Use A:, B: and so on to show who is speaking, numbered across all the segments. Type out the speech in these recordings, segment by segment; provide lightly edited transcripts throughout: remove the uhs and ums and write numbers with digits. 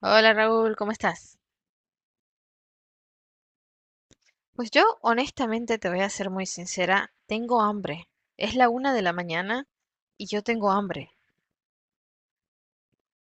A: Hola Raúl, ¿cómo estás? Pues yo honestamente te voy a ser muy sincera, tengo hambre. Es la una de la mañana y yo tengo hambre.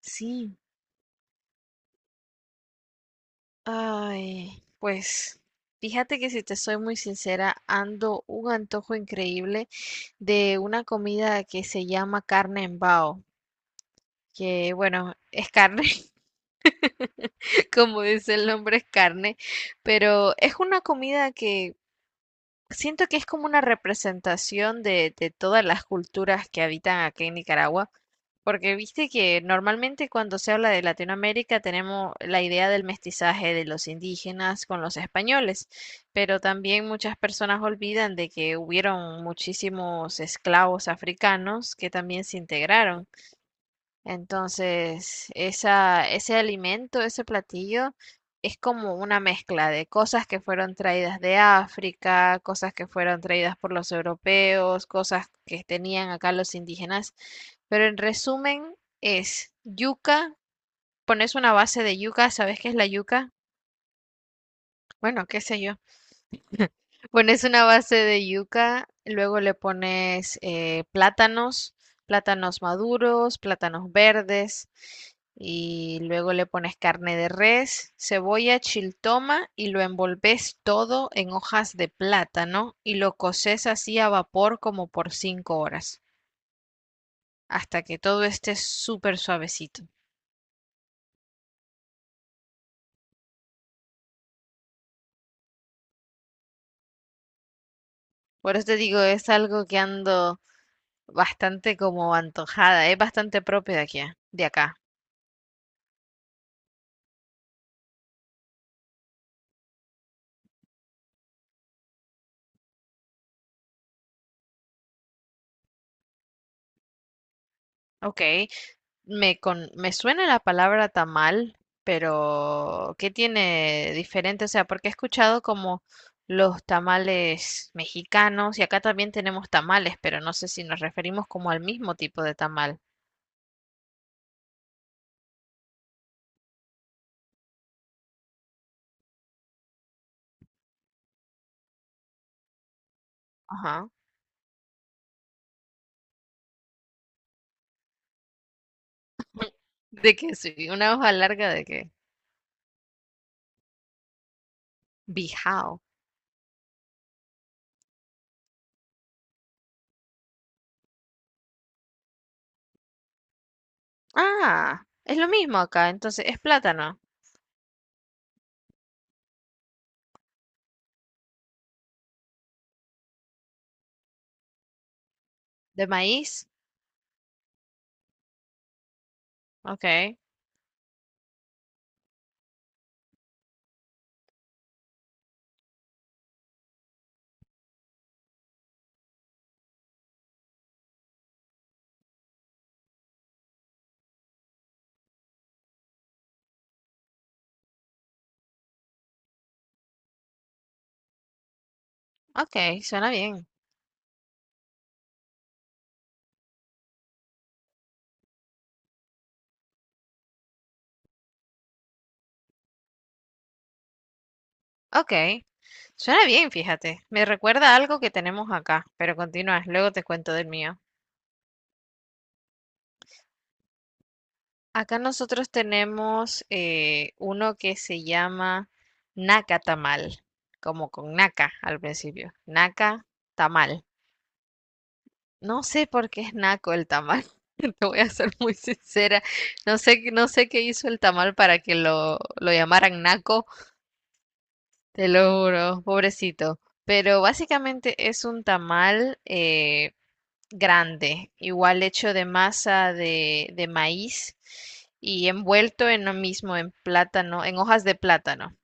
A: Sí. Ay, pues fíjate que si te soy muy sincera, ando un antojo increíble de una comida que se llama carne en bao, que bueno, es carne, como dice el nombre, es carne, pero es una comida que. Siento que es como una representación de todas las culturas que habitan aquí en Nicaragua, porque viste que normalmente cuando se habla de Latinoamérica tenemos la idea del mestizaje de los indígenas con los españoles, pero también muchas personas olvidan de que hubieron muchísimos esclavos africanos que también se integraron. Entonces, ese alimento, ese platillo, es como una mezcla de cosas que fueron traídas de África, cosas que fueron traídas por los europeos, cosas que tenían acá los indígenas. Pero en resumen, es yuca, pones una base de yuca, ¿sabes qué es la yuca? Bueno, qué sé yo. Pones una base de yuca, luego le pones plátanos, plátanos maduros, plátanos verdes, y luego le pones carne de res, cebolla, chiltoma y lo envolves todo en hojas de plátano y lo coces así a vapor como por 5 horas, hasta que todo esté súper suavecito. Por eso te digo, es algo que ando bastante como antojada, es bastante propio de aquí, de acá. Ok. Me suena la palabra tamal, pero ¿qué tiene diferente? O sea, porque he escuchado como los tamales mexicanos y acá también tenemos tamales, pero no sé si nos referimos como al mismo tipo de tamal. Ajá. De que sí, una hoja larga de que bijao. Ah, es lo mismo acá, entonces es plátano de maíz. Ok, ok, suena bien. Ok, suena bien, fíjate. Me recuerda a algo que tenemos acá, pero continúas, luego te cuento del mío. Acá nosotros tenemos uno que se llama naca tamal, como con naca al principio. Naca tamal. No sé por qué es naco el tamal. Te voy a ser muy sincera. No sé, no sé qué hizo el tamal para que lo llamaran naco. Te lo juro, pobrecito. Pero básicamente es un tamal, grande, igual hecho de masa de maíz y envuelto en lo mismo, en plátano, en hojas de plátano.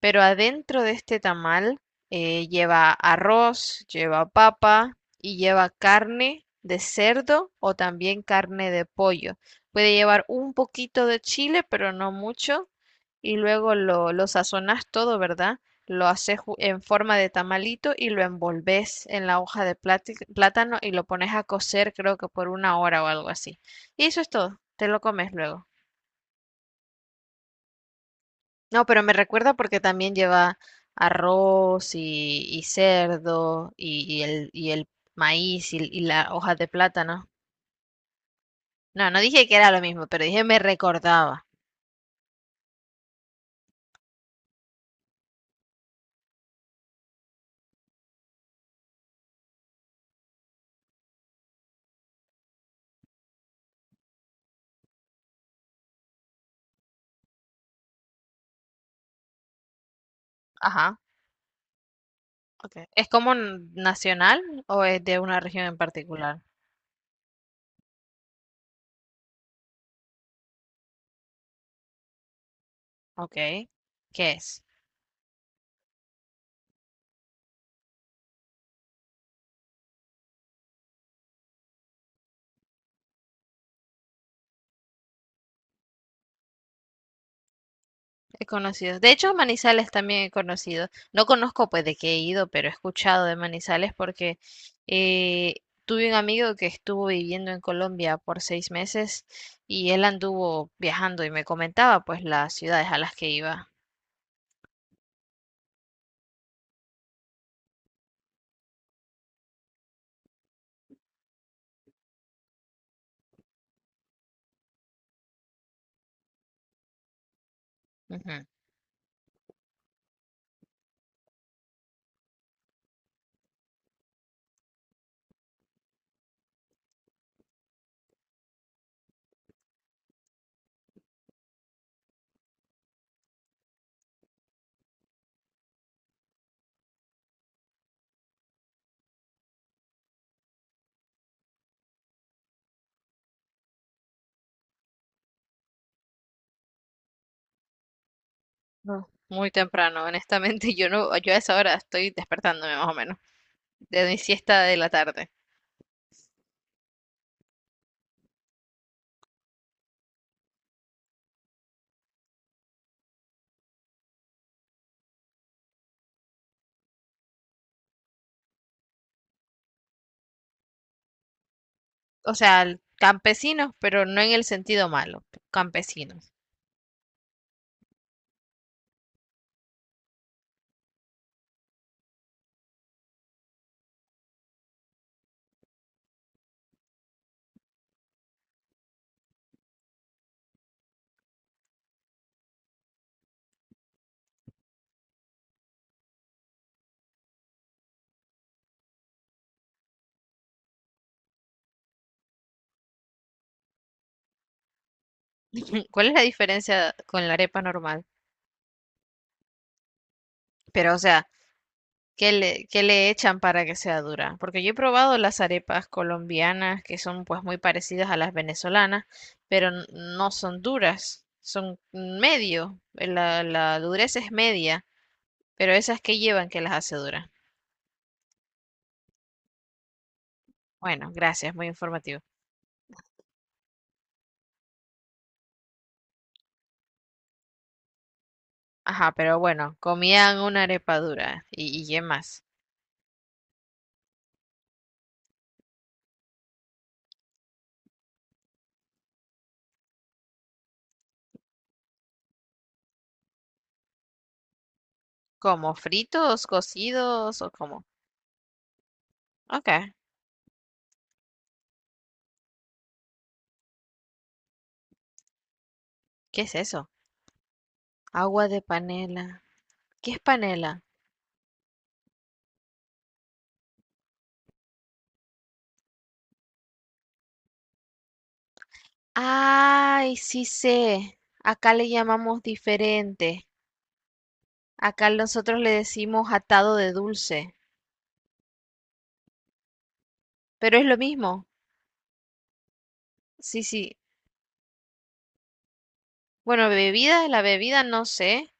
A: Pero adentro de este tamal lleva arroz, lleva papa y lleva carne de cerdo o también carne de pollo. Puede llevar un poquito de chile, pero no mucho. Y luego lo sazonas todo, ¿verdad? Lo haces en forma de tamalito y lo envolves en la hoja de plátano y lo pones a cocer, creo que por una hora o algo así. Y eso es todo. Te lo comes luego. No, pero me recuerda porque también lleva arroz y cerdo y el maíz y la hoja de plátano. No, no dije que era lo mismo, pero dije me recordaba. Ajá, ok. ¿Es como nacional o es de una región en particular? Ok. ¿Qué es? He conocido. De hecho, Manizales también he conocido. No conozco, pues, de qué he ido, pero he escuchado de Manizales porque eh, tuve un amigo que estuvo viviendo en Colombia por 6 meses y él anduvo viajando y me comentaba, pues, las ciudades a las que iba. Ujú. No, muy temprano, honestamente, yo no, yo a esa hora estoy despertándome más o menos de mi siesta de la tarde. O sea, campesinos, pero no en el sentido malo, campesinos. ¿Cuál es la diferencia con la arepa normal? Pero, o sea, qué le, que le echan para que sea dura. Porque yo he probado las arepas colombianas que son pues muy parecidas a las venezolanas, pero no son duras, son medio, la dureza es media, pero esas que llevan que las hace duras. Bueno, gracias, muy informativo. Ajá, pero bueno, comían una arepa dura y qué más. ¿Como fritos, cocidos o cómo? Ok, ¿qué es eso? Agua de panela. ¿Qué es panela? Ay, sí sé. Acá le llamamos diferente. Acá nosotros le decimos atado de dulce. Pero es lo mismo. Sí, sí. Bueno, bebida, la bebida no sé,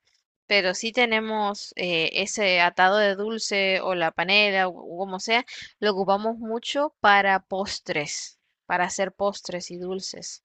A: pero sí tenemos ese atado de dulce o la panela o como sea. Lo ocupamos mucho para postres, para hacer postres y dulces.